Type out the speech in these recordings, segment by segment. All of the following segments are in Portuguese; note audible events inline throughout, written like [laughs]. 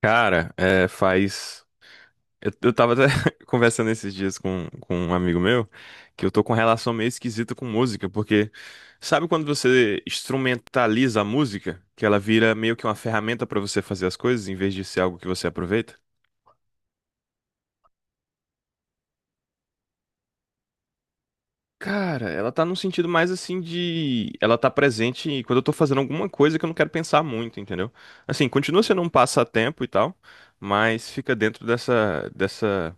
Cara, é, faz. Eu tava até [laughs] conversando esses dias com um amigo meu que eu tô com relação meio esquisita com música, porque sabe quando você instrumentaliza a música, que ela vira meio que uma ferramenta pra você fazer as coisas em vez de ser algo que você aproveita? Cara, ela tá num sentido mais assim de. Ela tá presente quando eu tô fazendo alguma coisa que eu não quero pensar muito, entendeu? Assim, continua sendo um passatempo e tal, mas fica dentro dessa,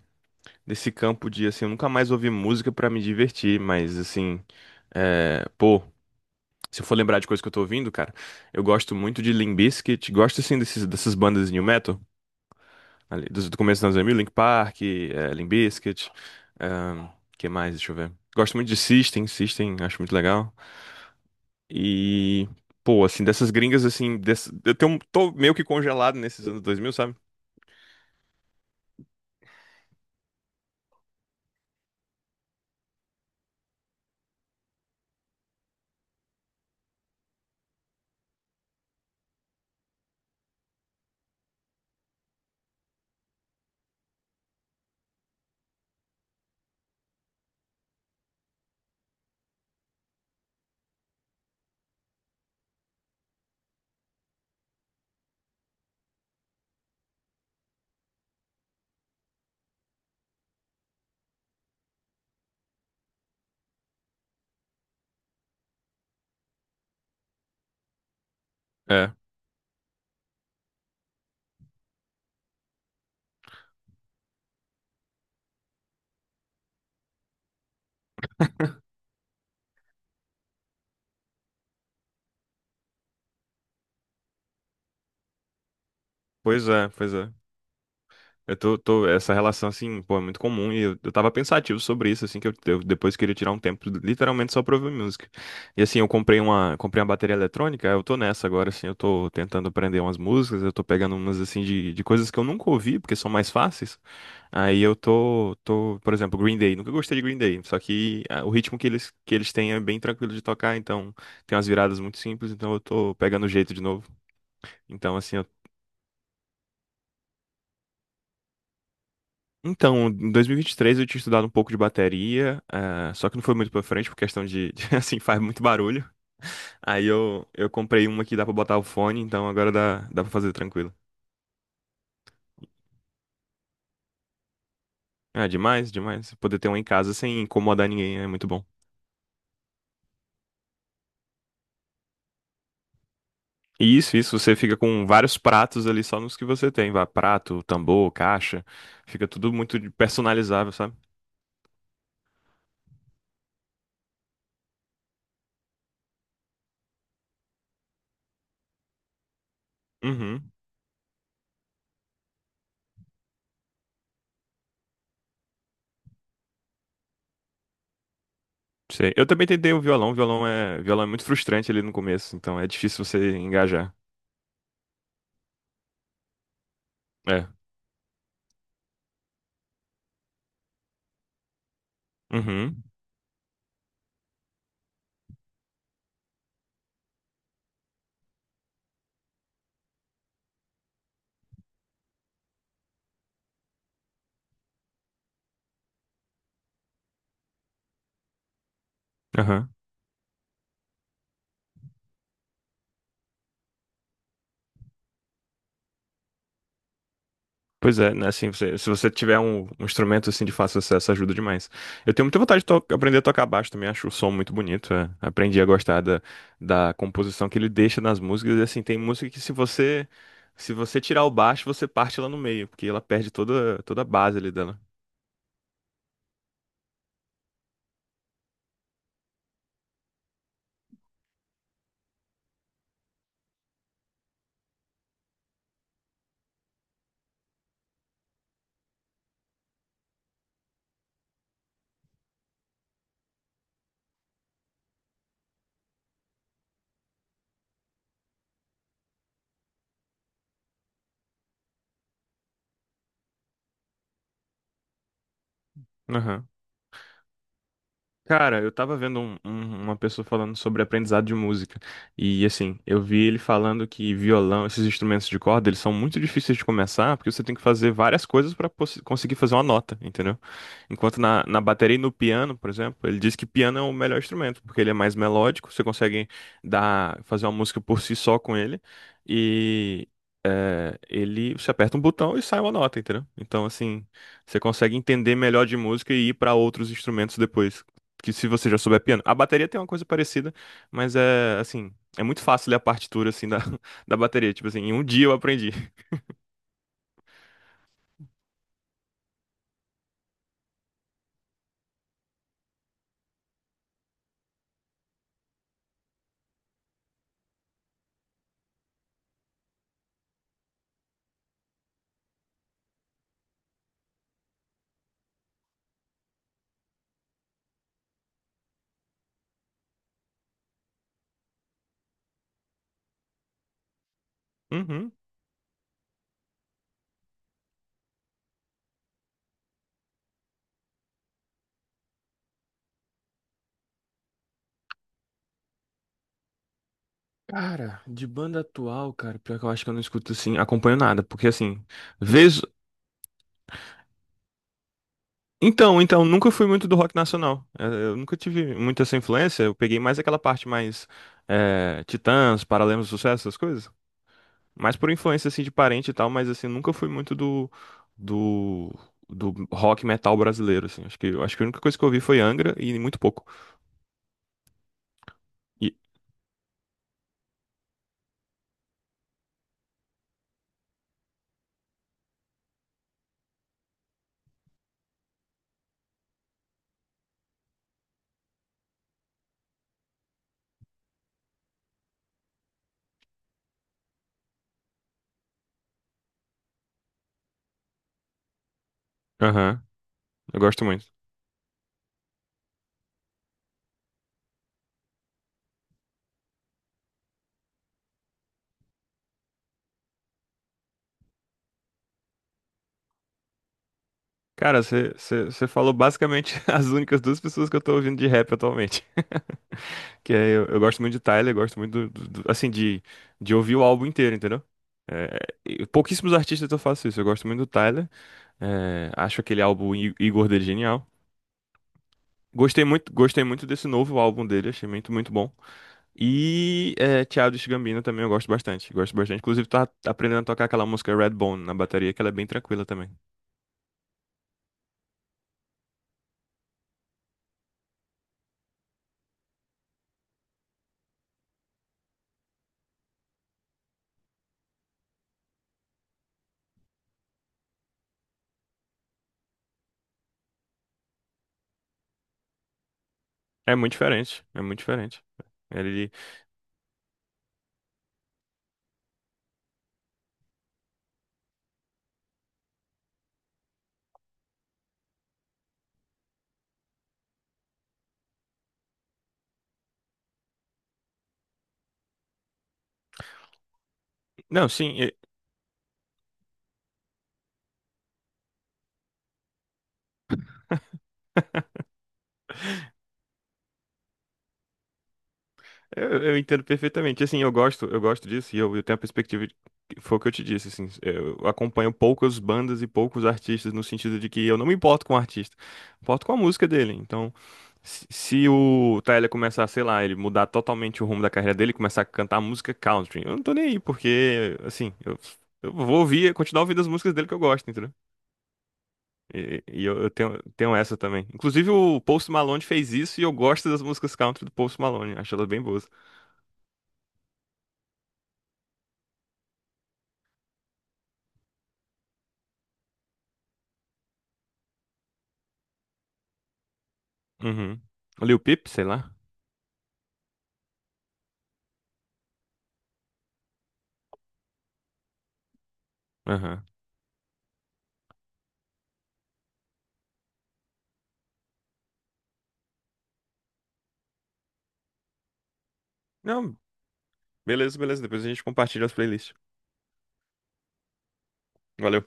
nesse campo de, assim, eu nunca mais ouvi música pra me divertir, mas, assim, é, pô, se eu for lembrar de coisa que eu tô ouvindo, cara, eu gosto muito de Limp Bizkit, gosto, assim, dessas bandas de new metal, ali, do começo dos anos dois mil, Linkin Park, é, Limp Bizkit, ahn, que mais, deixa eu ver. Gosto muito de System, System, acho muito legal. E, pô, assim, dessas gringas, assim, eu tenho, tô meio que congelado nesses anos dois mil, sabe? É, pois é, pois é. Eu essa relação, assim, pô, é muito comum e eu tava pensativo sobre isso, assim, que eu depois queria tirar um tempo literalmente só pra ouvir música. E assim, eu comprei uma bateria eletrônica, eu tô nessa agora, assim, eu tô tentando aprender umas músicas, eu tô pegando umas, assim, de coisas que eu nunca ouvi, porque são mais fáceis. Aí eu por exemplo, Green Day, nunca gostei de Green Day, só que ah, o ritmo que eles têm é bem tranquilo de tocar, então tem umas viradas muito simples, então eu tô pegando o jeito de novo. Então, assim, eu. Então, em 2023 eu tinha estudado um pouco de bateria, só que não foi muito pra frente por questão de, [laughs] de, assim, faz muito barulho. Aí eu comprei uma que dá pra botar o fone, então agora dá, dá pra fazer tranquilo. Ah, é demais, demais. Poder ter uma em casa sem incomodar ninguém é muito bom. E isso, você fica com vários pratos ali só nos que você tem, vá, prato, tambor, caixa, fica tudo muito personalizável, sabe? Uhum. Sei. Eu também tentei o violão é muito frustrante ali no começo, então é difícil você engajar. É. Uhum. Aham. Pois é, né? Assim, você- se você tiver um instrumento assim de fácil acesso, ajuda demais. Eu tenho muita vontade de aprender a tocar baixo também, acho o som muito bonito. É. Aprendi a gostar da, da composição que ele deixa nas músicas. E assim, tem música que se você tirar o baixo, você parte ela no meio, porque ela perde toda, toda a base ali dela. Cara, eu tava vendo uma pessoa falando sobre aprendizado de música. E assim, eu vi ele falando que violão, esses instrumentos de corda, eles são muito difíceis de começar, porque você tem que fazer várias coisas para conseguir fazer uma nota, entendeu? Enquanto na bateria e no piano, por exemplo, ele diz que piano é o melhor instrumento, porque ele é mais melódico, você consegue dar, fazer uma música por si só com ele, e você aperta um botão e sai uma nota, entendeu? Então, assim, você consegue entender melhor de música e ir para outros instrumentos depois, que se você já souber piano. A bateria tem uma coisa parecida, mas é, assim, é muito fácil ler a partitura, assim, da, [laughs] da bateria, tipo assim, em um dia eu aprendi. Uhum. Cara, de banda atual, cara, pior que eu acho que eu não escuto assim, acompanho nada, porque assim, vez. Então, então, nunca fui muito do rock nacional. Eu nunca tive muita essa influência. Eu peguei mais aquela parte mais Titãs, Paralamas do Sucesso, essas coisas. Mais por influência assim de parente e tal, mas assim, nunca fui muito do do rock metal brasileiro assim. Acho que eu acho que a única coisa que eu ouvi foi Angra e muito pouco. E aham, eu gosto muito. Cara, você falou basicamente [laughs] as únicas duas pessoas que eu tô ouvindo de rap atualmente. Que é, eu gosto muito de Tyler, gosto muito do, assim, de ouvir o álbum inteiro, entendeu? É, e pouquíssimos artistas eu faço isso. Eu gosto muito do Tyler. É, acho aquele álbum Igor dele genial. Gostei muito desse novo álbum dele, achei muito, muito bom. E é, Childish Gambino também eu gosto bastante. Gosto bastante. Inclusive, tá aprendendo a tocar aquela música Redbone na bateria, que ela é bem tranquila também. É muito diferente, é muito diferente. Ele... Não, sim, eu entendo perfeitamente. Assim, eu gosto disso e eu tenho a perspectiva de, foi o que eu te disse, assim, eu acompanho poucas bandas e poucos artistas no sentido de que eu não me importo com o artista, me importo com a música dele. Então, se o Tyler começar, sei lá, ele mudar totalmente o rumo da carreira dele, e começar a cantar música country, eu não tô nem aí, porque assim, eu vou ouvir, continuar ouvindo as músicas dele que eu gosto, entendeu? E eu tenho, tenho essa também. Inclusive o Post Malone fez isso e eu gosto das músicas country do Post Malone, acho elas bem boas. Uhum. Lil Peep, sei lá. Aham. Não, beleza, beleza. Depois a gente compartilha as playlists. Valeu.